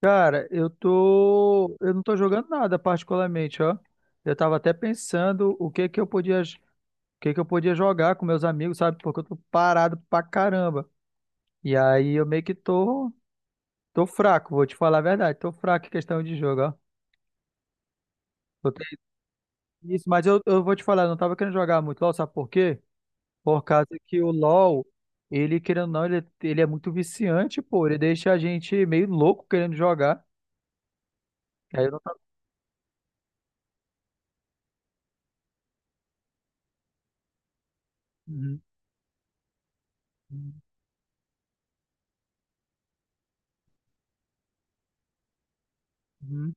Cara, eu não tô jogando nada particularmente, ó. Eu tava até pensando o que que eu podia jogar com meus amigos, sabe? Porque eu tô parado pra caramba. E aí eu meio que tô fraco, vou te falar a verdade, tô fraco em questão de jogo, ó. Eu tenho isso, mas eu vou te falar, eu não tava querendo jogar muito LoL, sabe por quê? Por causa que o LoL, ele querendo ou não, ele é muito viciante, pô, ele deixa a gente meio louco querendo jogar. Aí eu não tava. Uhum, uhum,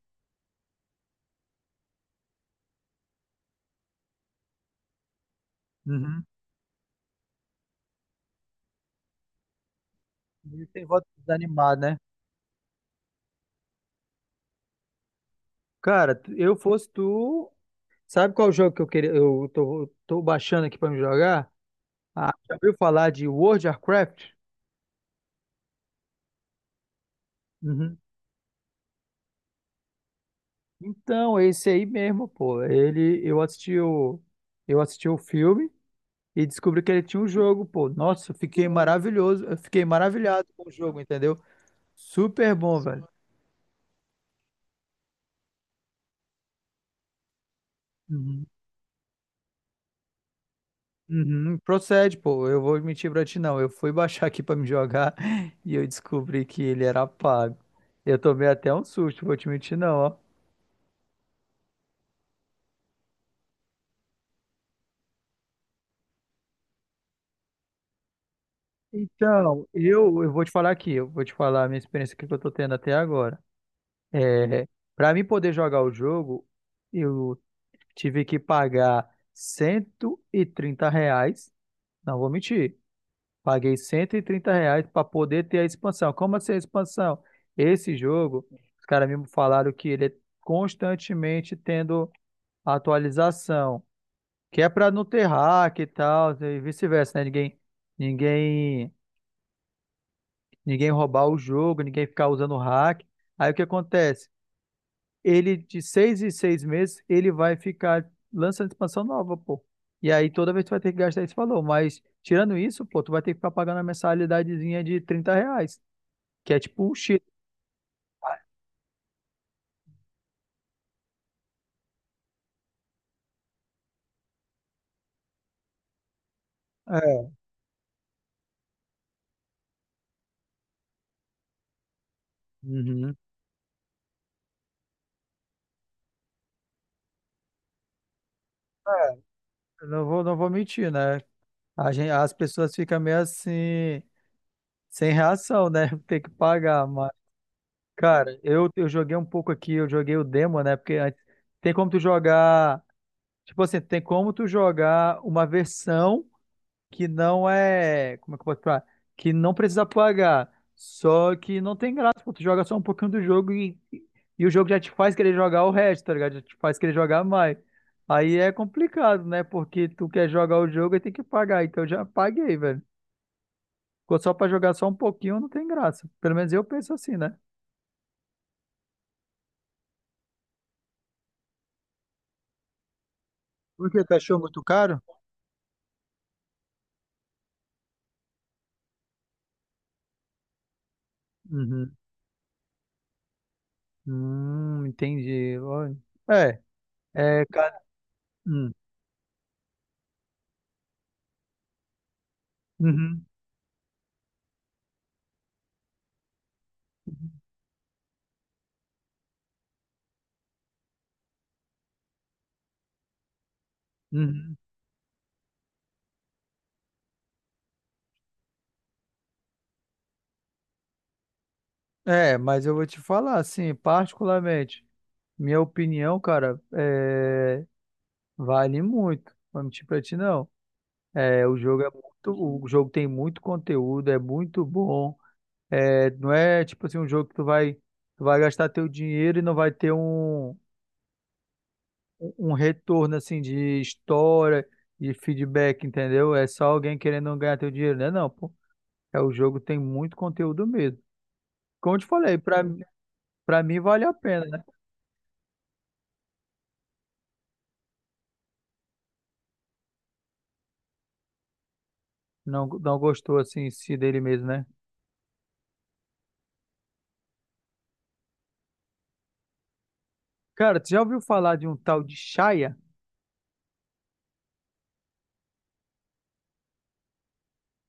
uhum. Ele tem voto desanimado, né? Cara, eu fosse tu. Sabe qual jogo que eu queria? Eu tô baixando aqui pra me jogar? Ah, já ouviu falar de World of Warcraft? Uhum. Então, esse aí mesmo, pô. Eu assisti o filme e descobri que ele tinha um jogo, pô. Nossa, eu fiquei maravilhado com o jogo, entendeu? Super bom, velho. Uhum. Uhum, procede, pô. Eu vou mentir pra ti, não. Eu fui baixar aqui pra me jogar e eu descobri que ele era pago. Eu tomei até um susto, vou te mentir, não, ó. Então, eu vou te falar aqui, eu vou te falar a minha experiência que eu tô tendo até agora. É, para mim poder jogar o jogo, eu tive que pagar R$ 130, não vou mentir. Paguei R$ 130 para poder ter a expansão. Como assim a expansão? Esse jogo, os caras me falaram que ele é constantemente tendo atualização, que é para não ter hack e tal, e vice-versa, né? Ninguém, ninguém roubar o jogo, ninguém ficar usando hack. Aí o que acontece? Ele, de 6 em 6 meses, ele vai ficar lançando expansão nova, pô. E aí toda vez tu vai ter que gastar esse valor. Mas tirando isso, pô, tu vai ter que ficar pagando a mensalidadezinha de R$ 30, que é tipo o Chile. É. Uhum. Eu não vou mentir, né? A gente, as pessoas ficam meio assim, sem reação, né? Tem que pagar, mas, cara, eu joguei um pouco aqui, eu joguei o demo, né? Porque antes, tem como tu jogar, tipo assim, tem como tu jogar uma versão, que não é. Como é que eu posso falar? Que não precisa pagar. Só que não tem graça, pô. Tu joga só um pouquinho do jogo e o jogo já te faz querer jogar o resto, tá ligado? Já te faz querer jogar mais. Aí é complicado, né? Porque tu quer jogar o jogo e tem que pagar. Então eu já paguei, velho. Ficou só pra jogar só um pouquinho, não tem graça. Pelo menos eu penso assim, né? Por que tu achou muito caro? Uhum. Entendi. Ó, É, é, cara. Hum, uhum, uhum. É, mas eu vou te falar, assim, particularmente, minha opinião, cara, é, vale muito. Não vou mentir pra ti, não. É, o jogo tem muito conteúdo, é muito bom. É, não é tipo assim um jogo que tu vai gastar teu dinheiro e não vai ter um retorno assim de história, de feedback, entendeu? É só alguém querendo ganhar teu dinheiro, né? Não, pô. É, o jogo tem muito conteúdo mesmo. Como eu te falei, pra mim vale a pena, né? Não, não gostou assim em si dele mesmo, né? Cara, tu já ouviu falar de um tal de Shaya?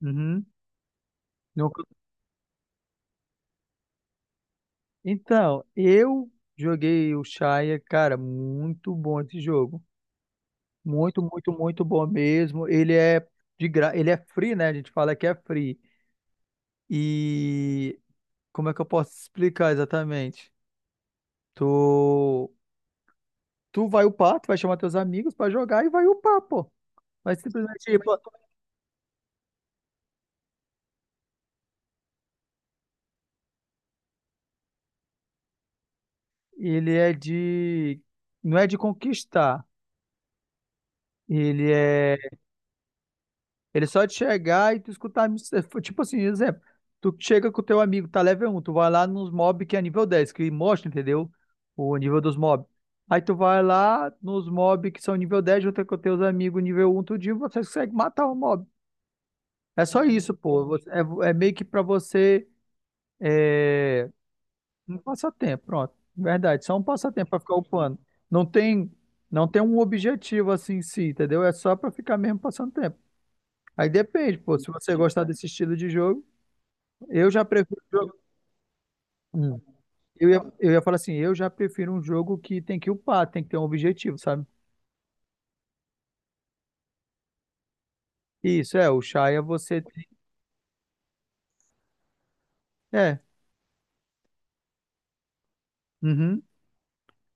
Uhum. Nunca- Então, eu joguei o Shaya, cara, muito bom esse jogo. Muito, muito, muito bom mesmo. Ele é ele é free, né? A gente fala que é free. E como é que eu posso explicar exatamente? Tu tu vai upar, tu vai chamar teus amigos pra jogar e vai upar, pô. Vai simplesmente, pô, ele é de não é de conquistar. Ele é. Ele é só de chegar e tu escutar. Tipo assim, exemplo. Tu chega com o teu amigo, tá level 1 tu vai lá nos mob que é nível 10 que mostra, entendeu? O nível dos mob. Aí tu vai lá nos mob que são nível 10 junto com teus amigos nível 1, tudinho, você consegue matar o mob. É só isso, pô. É, meio que pra você. É. Um passatempo, pronto. Verdade, só um passatempo pra ficar upando. Não tem, não tem um objetivo assim em si, entendeu? É só pra ficar mesmo passando tempo. Aí depende, pô. Se você gostar desse estilo de jogo, eu já prefiro um jogo. Hum. Eu ia falar assim, eu já prefiro um jogo que tem que upar, tem que ter um objetivo, sabe? Isso, é, o Shaya você. É, uhum.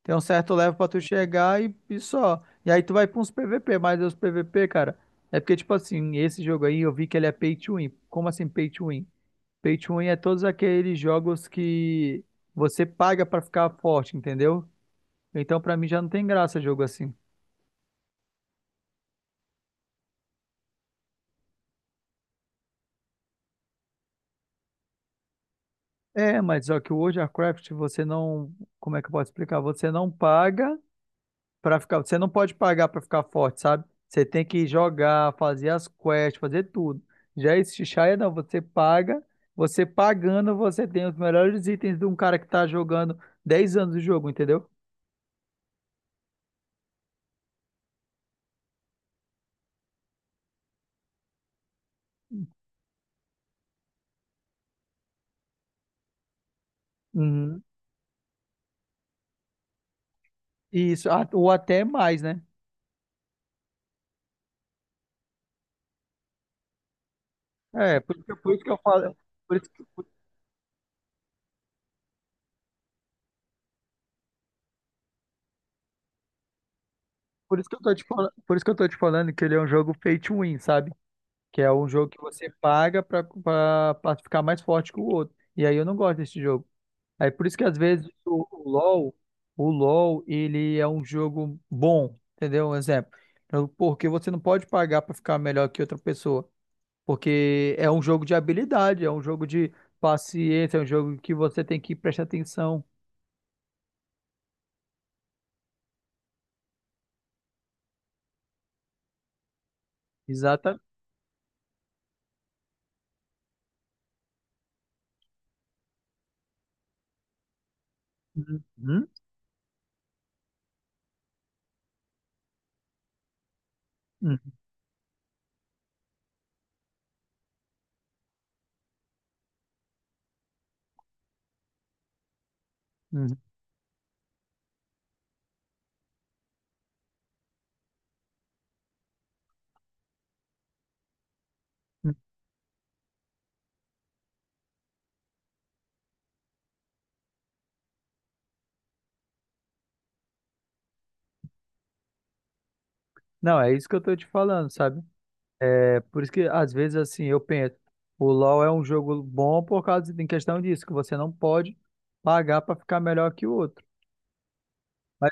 Tem um certo level pra tu chegar e só. E aí tu vai pra uns PVP, mas os PVP, cara, é porque, tipo assim, esse jogo aí eu vi que ele é pay to win. Como assim pay to win? Pay to win é todos aqueles jogos que você paga pra ficar forte, entendeu? Então pra mim já não tem graça jogo assim. É, mas só que o World of Warcraft você não, como é que eu posso explicar? Você não pode pagar para ficar forte, sabe? Você tem que jogar, fazer as quests, fazer tudo. Já esse Xayah não, você pagando você tem os melhores itens de um cara que tá jogando 10 anos o jogo, entendeu? Uhum. Isso, ou até mais, né? É, por isso que eu falo, por isso que, por, por isso que eu tô te falando que ele é um jogo pay to win, sabe? Que é um jogo que você paga pra ficar mais forte que o outro. E aí eu não gosto desse jogo. Aí por isso que às vezes o LoL, ele é um jogo bom, entendeu? Um exemplo. Porque você não pode pagar pra ficar melhor que outra pessoa. Porque é um jogo de habilidade, é um jogo de paciência, é um jogo que você tem que prestar atenção. Exata. Uhum, uhum, uhum. Uhum. Não, é isso que eu tô te falando, sabe? É por isso que às vezes assim eu penso, o LoL é um jogo bom por causa em questão disso, que você não pode pagar para ficar melhor que o outro. Mas,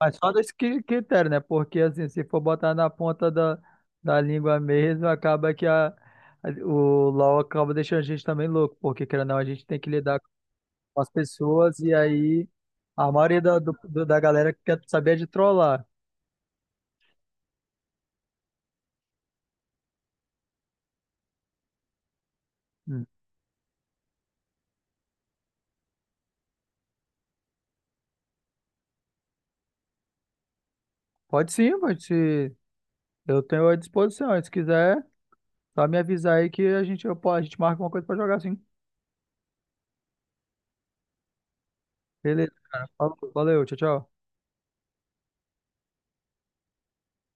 mas só desse critério, né? Porque assim, se for botar na ponta da língua mesmo, acaba que o LoL acaba deixando a gente também louco, porque querendo ou não, a gente tem que lidar com as pessoas e aí a maioria da galera quer saber de trollar. Hum. Pode sim, pode se eu tenho à disposição, se quiser. Só me avisar aí que a gente marca uma coisa pra jogar, sim. Beleza, cara. Falou, valeu, tchau, tchau.